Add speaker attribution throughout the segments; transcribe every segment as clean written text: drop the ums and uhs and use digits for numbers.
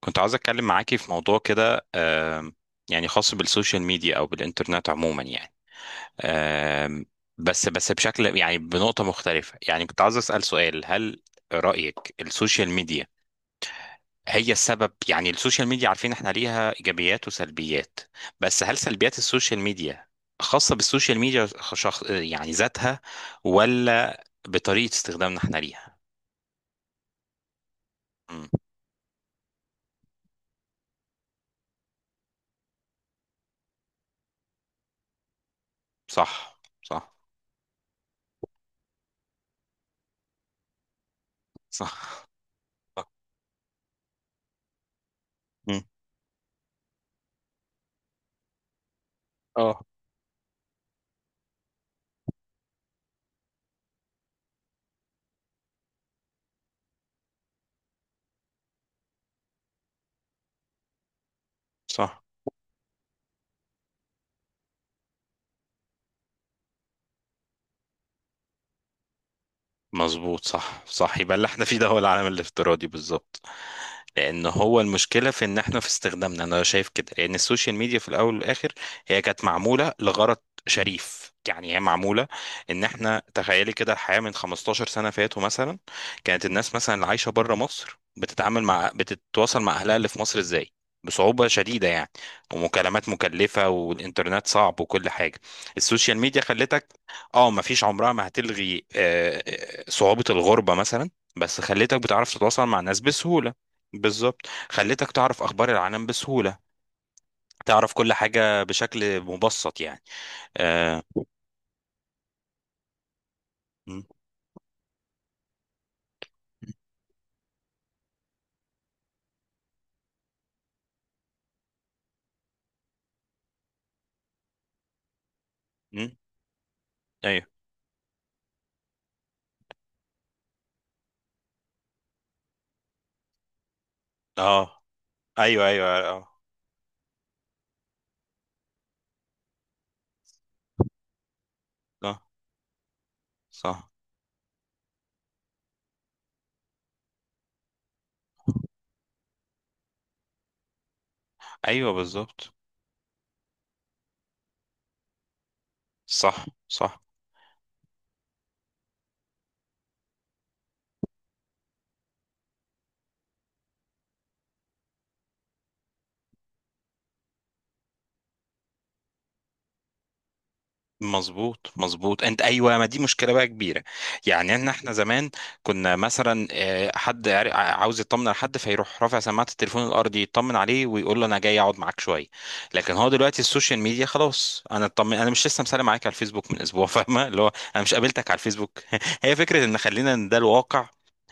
Speaker 1: كنت عاوز اتكلم معاكي في موضوع كده، يعني خاص بالسوشيال ميديا او بالانترنت عموما يعني. آم، بس بشكل يعني بنقطة مختلفة. يعني كنت عاوز اسأل سؤال: هل رأيك السوشيال ميديا هي السبب؟ يعني السوشيال ميديا عارفين احنا ليها ايجابيات وسلبيات، بس هل سلبيات السوشيال ميديا خاصة بالسوشيال ميديا، شخص يعني ذاتها، ولا بطريقة استخدامنا احنا ليها؟ مم، صح، صح، صح، صح، مم، اه، صح، مظبوط، صح، صح. يبقى اللي احنا فيه ده هو العالم الافتراضي بالظبط. لان هو المشكله في ان احنا في استخدامنا، انا شايف كده، لان السوشيال ميديا في الاول والاخر هي كانت معموله لغرض شريف، يعني هي معموله، ان احنا تخيلي كده الحياه من 15 سنه فاتوا مثلا. كانت الناس مثلا اللي عايشه بره مصر بتتعامل مع، بتتواصل مع اهلها اللي في مصر ازاي؟ بصعوبة شديدة يعني، ومكالمات مكلفة والإنترنت صعب وكل حاجة. السوشيال ميديا خلتك، اه مفيش، عمرها ما هتلغي صعوبة الغربة مثلا، بس خلتك بتعرف تتواصل مع ناس بسهولة. بالظبط، خلتك تعرف اخبار العالم بسهوله، تعرف كل حاجه بشكل مبسط يعني. آه. م- م- ايوه، اه، ايوه، ايوه، اه، آه، صح، ايوه، بالظبط، صح، صح، مظبوط، مظبوط، انت ايوه، ما دي مشكله بقى كبيره. يعني ان احنا زمان كنا مثلا حد عاوز يطمن على حد، فيروح رافع سماعه التليفون الارضي يطمن عليه ويقول له انا جاي اقعد معاك شويه. لكن هو دلوقتي السوشيال ميديا خلاص، انا اطمن انا مش لسه مسالم معاك على الفيسبوك من اسبوع فاهمه، اللي هو انا مش قابلتك على الفيسبوك هي فكره ان خلينا ان ده الواقع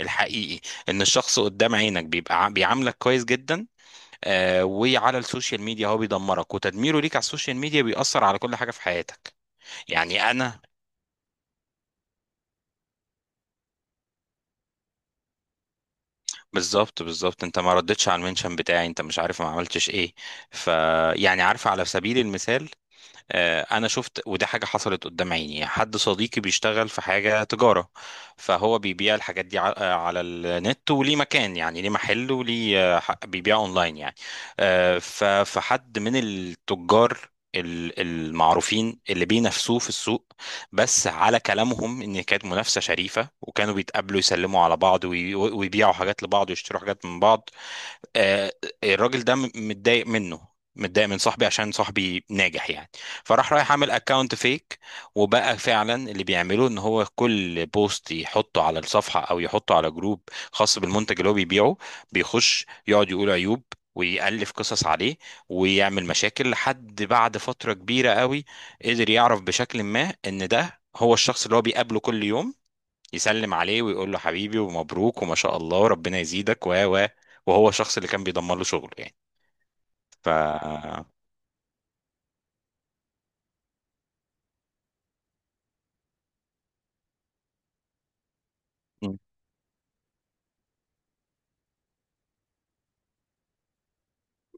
Speaker 1: الحقيقي، ان الشخص قدام عينك بيبقى بيعاملك كويس جدا، وعلى السوشيال ميديا هو بيدمرك، وتدميره ليك على السوشيال ميديا بيأثر على كل حاجه في حياتك. يعني انا، بالظبط بالظبط، انت ما ردتش على المنشن بتاعي، انت مش عارف ما عملتش ايه. ف، يعني عارف، على سبيل المثال، انا شفت، وده حاجه حصلت قدام عيني، حد صديقي بيشتغل في حاجه تجاره، فهو بيبيع الحاجات دي على النت، وليه مكان، يعني ليه محل، وليه بيبيع اونلاين يعني. فحد من التجار المعروفين اللي بينافسوه في السوق، بس على كلامهم ان كانت منافسه شريفه، وكانوا بيتقابلوا يسلموا على بعض ويبيعوا حاجات لبعض ويشتروا حاجات من بعض. آه، الراجل ده متضايق منه، متضايق من صاحبي عشان صاحبي ناجح يعني. فراح رايح عامل اكونت فيك، وبقى فعلا اللي بيعملوه ان هو كل بوست يحطه على الصفحة او يحطه على جروب خاص بالمنتج اللي هو بيبيعه، بيخش يقعد يقول عيوب ويألف قصص عليه ويعمل مشاكل. لحد بعد فترة كبيرة قوي قدر يعرف بشكل ما ان ده هو الشخص اللي هو بيقابله كل يوم، يسلم عليه ويقول له حبيبي ومبروك وما شاء الله وربنا يزيدك و، وهو الشخص اللي كان بيضمن له شغل يعني. ف، مم.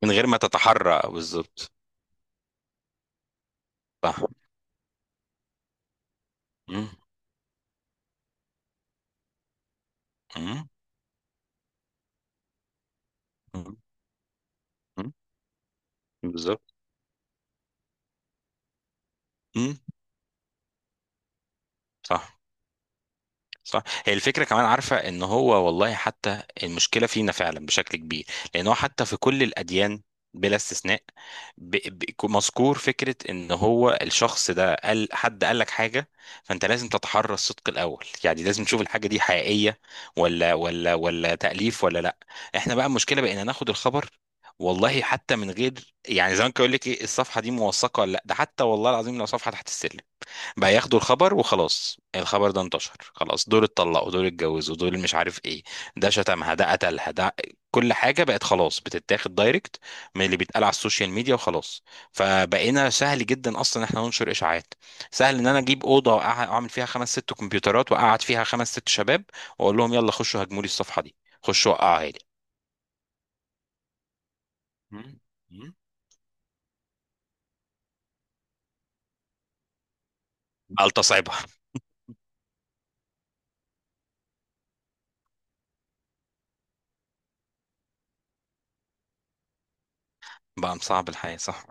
Speaker 1: من غير ما تتحرى بالظبط. صح، مم، مم، مم، مم، بالظبط، مم، صح، صح. هي الفكرة كمان، عارفة ان هو والله حتى المشكلة فينا فعلا بشكل كبير، لان هو حتى في كل الاديان بلا استثناء، ب... ب... مذكور فكرة ان هو الشخص ده قال، حد قال لك حاجة، فانت لازم تتحرى الصدق الاول. يعني لازم تشوف الحاجة دي حقيقية ولا تأليف ولا لا. احنا بقى المشكلة بقينا ناخد الخبر، والله حتى من غير يعني، زمان كان يقول لك ايه الصفحة دي موثقة ولا لا، ده حتى والله العظيم لو صفحة تحت السلم بقى ياخدوا الخبر وخلاص. الخبر ده انتشر خلاص، دول اتطلقوا، دول اتجوزوا، دول مش عارف ايه، ده شتمها، ده قتلها، ده كل حاجة بقت خلاص بتتاخد دايركت من اللي بيتقال على السوشيال ميديا وخلاص. فبقينا سهل جدا اصلا ان احنا ننشر اشاعات. سهل ان انا اجيب اوضة واعمل فيها خمس ست كمبيوترات، واقعد فيها خمس ست شباب، واقول لهم يلا خشوا هجموا لي الصفحة دي، خشوا وقعوها لي. مم، مم. بقى لتصعبها. بقى مصعب الحياة، صح.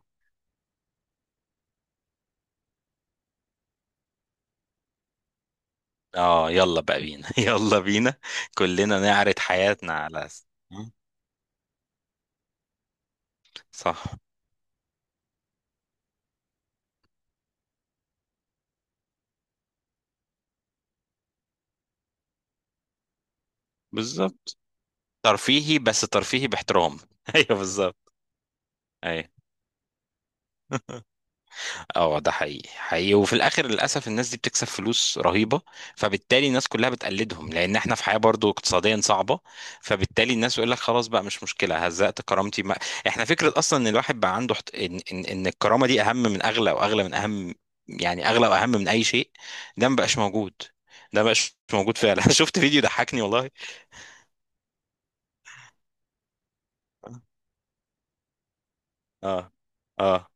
Speaker 1: اه يلا بقى بينا يلا بينا. كلنا نعرض حياتنا على مم. صح، بالظبط. ترفيهي، بس ترفيهي باحترام ايوه بالظبط. ايوه اه ده حقيقي حقيقي. وفي الاخر للاسف الناس دي بتكسب فلوس رهيبه، فبالتالي الناس كلها بتقلدهم، لان احنا في حياه برضو اقتصاديا صعبه، فبالتالي الناس يقول لك خلاص بقى، مش مشكله هزقت كرامتي ما. احنا فكره اصلا ان الواحد بقى عنده ان الكرامه دي اهم من اغلى، واغلى من اهم، يعني اغلى واهم من اي شيء، ده ما بقاش موجود. ده ما بقاش موجود فعلا شفت فيديو ضحكني والله. اه، اه،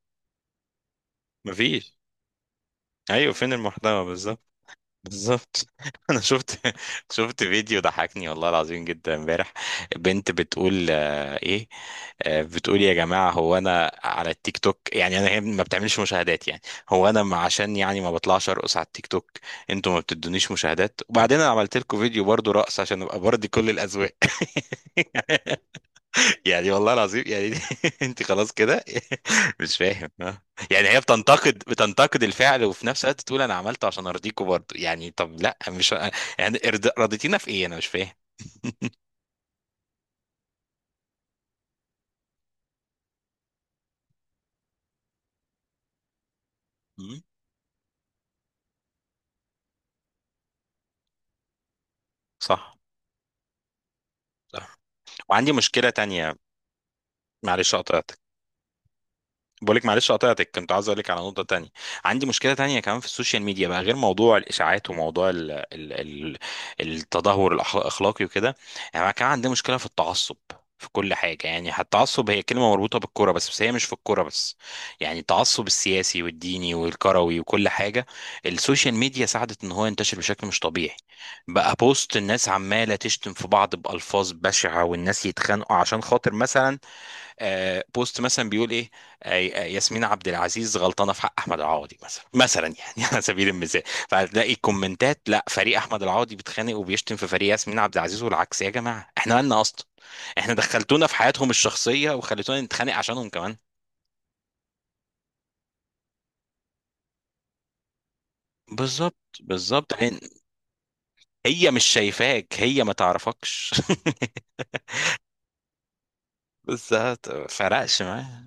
Speaker 1: مفيش. ايوه فين المحتوى بالظبط. بالظبط انا شفت، شفت فيديو ضحكني والله العظيم جدا امبارح. بنت بتقول ايه، بتقول يا جماعه، هو انا على التيك توك، يعني انا هي ما بتعملش مشاهدات يعني، هو انا عشان يعني ما بطلعش ارقص على التيك توك، انتوا ما بتدونيش مشاهدات، وبعدين انا عملت لكم فيديو برضو رقص عشان ابقى برضي كل الاذواق يعني والله العظيم يعني انت خلاص كده مش فاهم ها. يعني هي بتنتقد، بتنتقد الفعل، وفي نفس الوقت تقول انا عملته عشان ارضيكوا برضه، يعني طب لا مش يعني رضيتينا في ايه؟ انا مش فاهم. مم، صح، صح. وعندي مشكلة تانية. معلش قطعتك، بقولك معلش قطعتك، كنت عاوز اقولك على نقطة تانية. عندي مشكلة تانية كمان في السوشيال ميديا بقى غير موضوع الإشاعات وموضوع ال التدهور الأخلاقي وكده. يعني أنا كمان عندي مشكلة في التعصب في كل حاجة، يعني حتى التعصب هي كلمة مربوطة بالكرة، بس هي مش في الكرة بس. يعني التعصب السياسي والديني والكروي وكل حاجة، السوشيال ميديا ساعدت ان هو ينتشر بشكل مش طبيعي. بقى بوست، الناس عمالة تشتم في بعض بألفاظ بشعة، والناس يتخانقوا عشان خاطر مثلا بوست مثلا بيقول ايه. ياسمين عبد العزيز غلطانه في حق احمد العوضي، مثلا يعني على سبيل المثال. فهتلاقي كومنتات، لا فريق احمد العوضي بيتخانق وبيشتم في فريق ياسمين عبد العزيز والعكس. يا جماعه احنا مالنا اصلا، احنا دخلتونا في حياتهم الشخصيه وخليتونا نتخانق عشانهم كمان. بالظبط، بالظبط، لأن هي مش شايفاك، هي ما تعرفكش بالظبط فرقش معاها.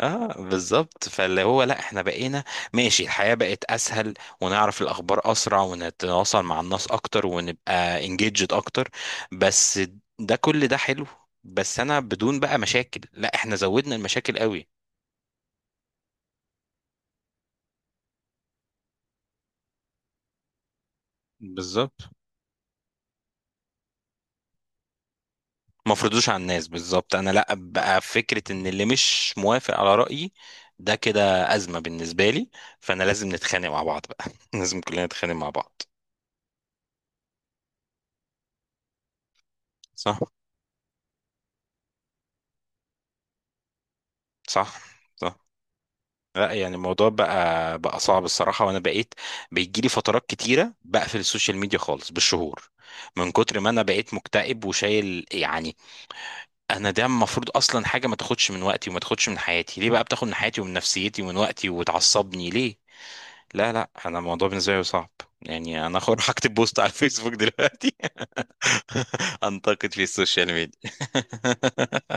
Speaker 1: اه بالظبط، فاللي هو لا احنا بقينا، ماشي، الحياة بقت اسهل ونعرف الاخبار اسرع ونتواصل مع الناس اكتر ونبقى انجيجد اكتر، بس ده كل ده حلو، بس انا بدون بقى مشاكل، لا احنا زودنا المشاكل قوي. بالظبط، ما فرضوش على الناس بالظبط. انا لا بقى فكرة ان اللي مش موافق على رأيي ده، كده ازمة بالنسبة لي، فانا لازم نتخانق مع بعض بقى لازم كلنا نتخانق مع بعض. صح، صح، صح. لا يعني الموضوع بقى صعب الصراحة. وأنا بقيت بيجيلي فترات كتيرة بقفل السوشيال ميديا خالص بالشهور، من كتر ما أنا بقيت مكتئب وشايل يعني. أنا ده المفروض أصلا حاجة ما تاخدش من وقتي وما تاخدش من حياتي، ليه بقى بتاخد من حياتي ومن نفسيتي ومن وقتي وتعصبني ليه؟ لا لا، أنا الموضوع بالنسبة لي صعب. يعني أنا أخر هكتب بوست على الفيسبوك دلوقتي أنتقد في السوشيال ميديا